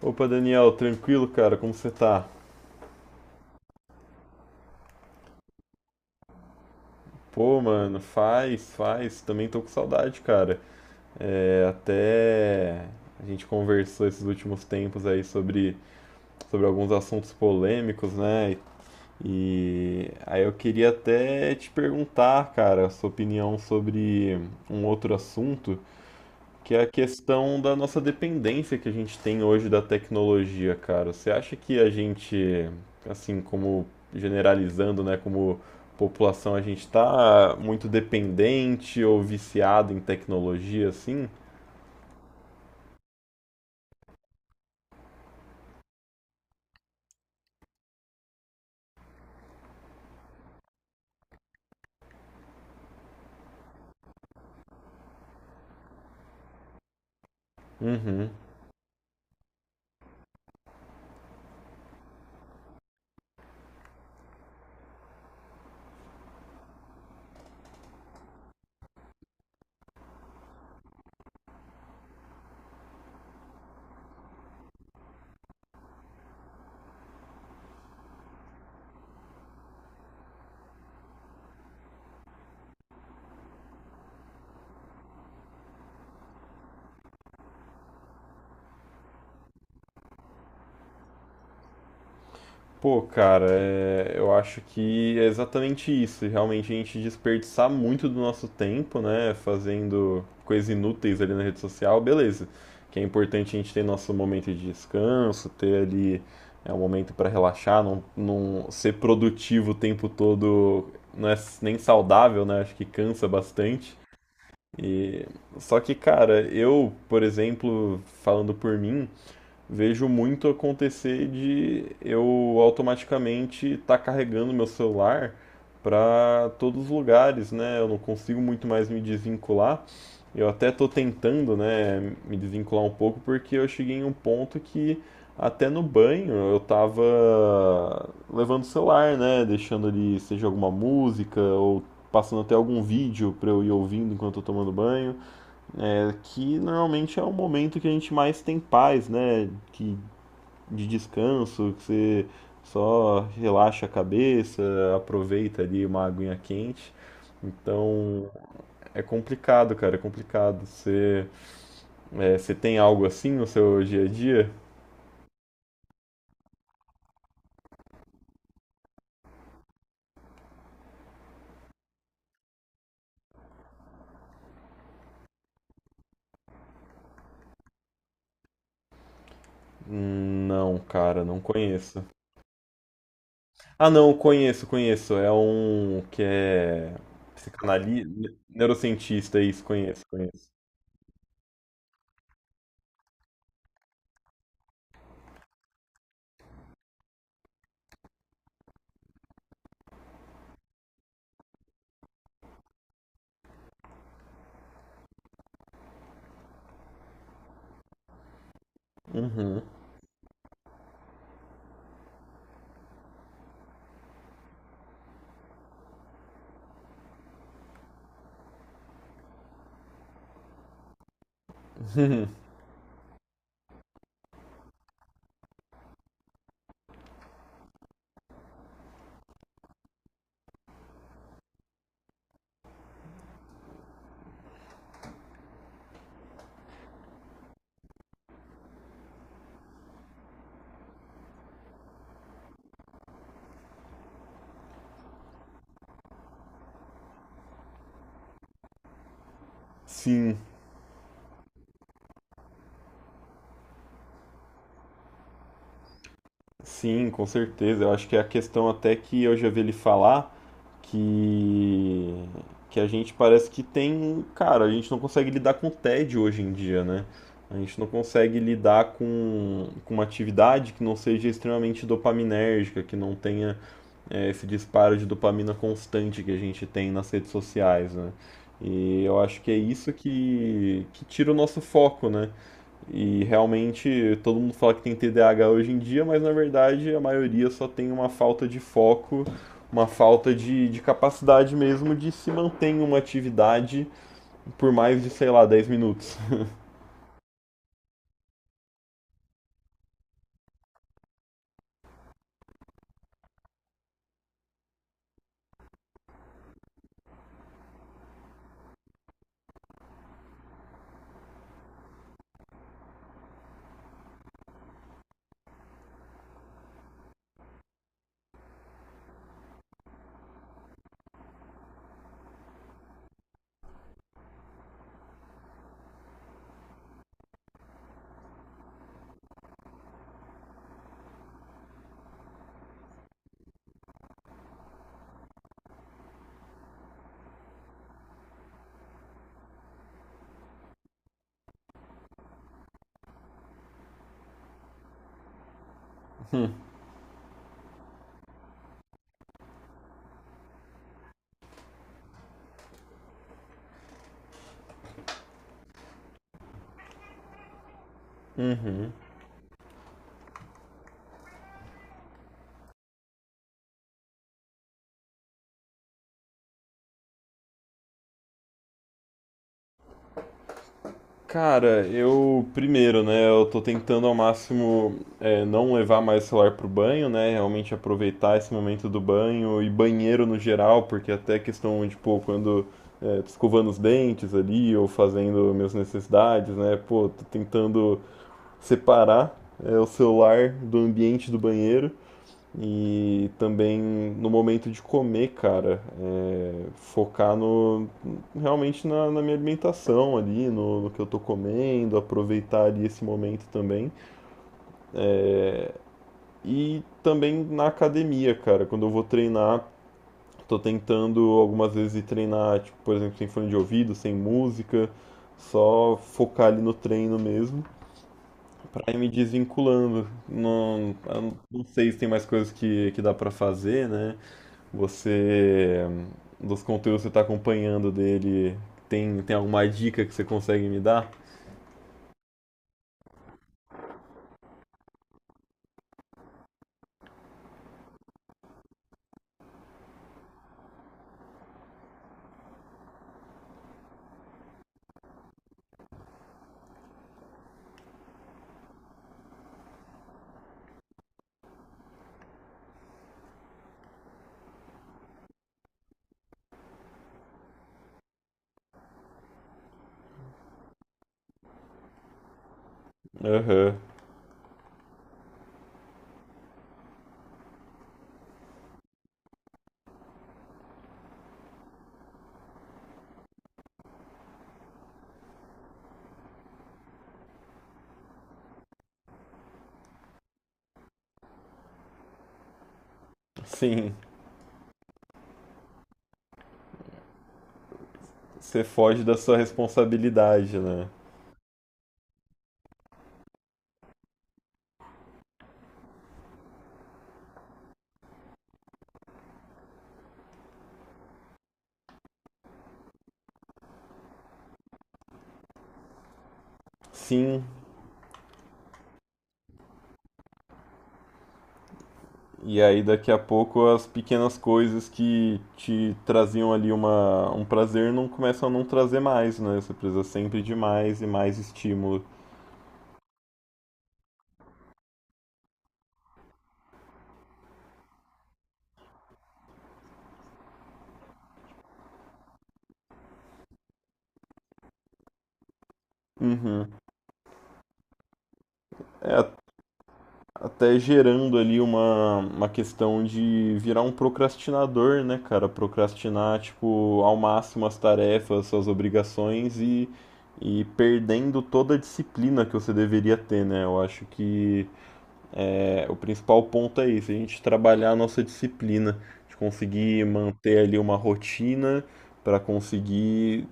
Opa, Daniel, tranquilo, cara? Como você tá? Pô, mano, faz. Também tô com saudade, cara. É, até a gente conversou esses últimos tempos aí sobre alguns assuntos polêmicos, né? E aí eu queria até te perguntar, cara, a sua opinião sobre um outro assunto, que é a questão da nossa dependência que a gente tem hoje da tecnologia, cara. Você acha que a gente, assim, como generalizando, né, como população, a gente tá muito dependente ou viciado em tecnologia, assim? Uhum. Pô, cara, eu acho que é exatamente isso. Realmente a gente desperdiçar muito do nosso tempo, né, fazendo coisas inúteis ali na rede social, beleza. Que é importante a gente ter nosso momento de descanso, ter ali um momento para relaxar, não ser produtivo o tempo todo, não é nem saudável, né? Acho que cansa bastante. E só que, cara, eu, por exemplo, falando por mim, vejo muito acontecer de eu automaticamente estar carregando meu celular para todos os lugares, né? Eu não consigo muito mais me desvincular. Eu até estou tentando, né, me desvincular um pouco porque eu cheguei em um ponto que até no banho eu estava levando o celular, né, deixando ali seja alguma música ou passando até algum vídeo para eu ir ouvindo enquanto eu tô tomando banho. É que normalmente é o momento que a gente mais tem paz, né, que de descanso, que você só relaxa a cabeça, aproveita ali uma aguinha quente. Então é complicado, cara, é complicado. Você tem algo assim no seu dia a dia? Hum. Não, cara, não conheço. Ah, não, conheço, conheço. É um que é psicanalista, neurocientista, isso, conheço, conheço. Uhum. Sim. Sim, com certeza. Eu acho que é a questão até que eu já vi ele falar que a gente parece que tem, cara, a gente não consegue lidar com o tédio hoje em dia, né? A gente não consegue lidar com uma atividade que não seja extremamente dopaminérgica, que não tenha esse disparo de dopamina constante que a gente tem nas redes sociais, né? E eu acho que é isso que tira o nosso foco, né? E realmente todo mundo fala que tem TDAH hoje em dia, mas na verdade a maioria só tem uma falta de foco, uma falta de capacidade mesmo de se manter em uma atividade por mais de, sei lá, 10 minutos. Cara, eu primeiro, né, eu tô tentando ao máximo não levar mais o celular pro banho, né, realmente aproveitar esse momento do banho e banheiro no geral, porque até questão de, pô, quando tô escovando os dentes ali ou fazendo minhas necessidades, né, pô, tô tentando separar o celular do ambiente do banheiro. E também no momento de comer, cara, focar no realmente na minha alimentação ali, no que eu tô comendo, aproveitar ali esse momento também. E também na academia, cara, quando eu vou treinar, tô tentando algumas vezes ir treinar, tipo, por exemplo, sem fone de ouvido, sem música, só focar ali no treino mesmo, pra ir me desvinculando. Não, eu não sei se tem mais coisas que dá pra fazer, né? Você, dos conteúdos que você tá acompanhando dele, tem alguma dica que você consegue me dar? Aham. Sim, você foge da sua responsabilidade, né? Sim, e aí daqui a pouco as pequenas coisas que te traziam ali um prazer não começam a não trazer mais, né? Você precisa sempre de mais e mais estímulo. Uhum. É, até gerando ali uma questão de virar um procrastinador, né, cara? Procrastinar, tipo, ao máximo as tarefas, suas obrigações e perdendo toda a disciplina que você deveria ter, né? Eu acho que o principal ponto é isso, a gente trabalhar a nossa disciplina, de conseguir manter ali uma rotina para conseguir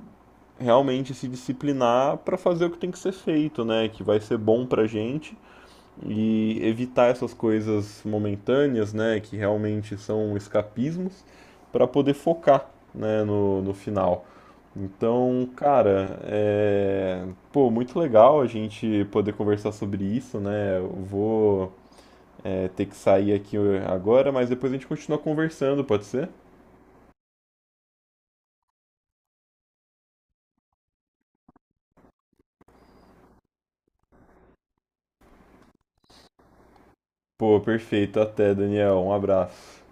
realmente se disciplinar para fazer o que tem que ser feito, né? Que vai ser bom pra gente e evitar essas coisas momentâneas, né, que realmente são escapismos, para poder focar, né, no final. Então, cara, é... pô, muito legal a gente poder conversar sobre isso, né? Eu vou ter que sair aqui agora, mas depois a gente continua conversando, pode ser? Pô, perfeito, até, Daniel, um abraço.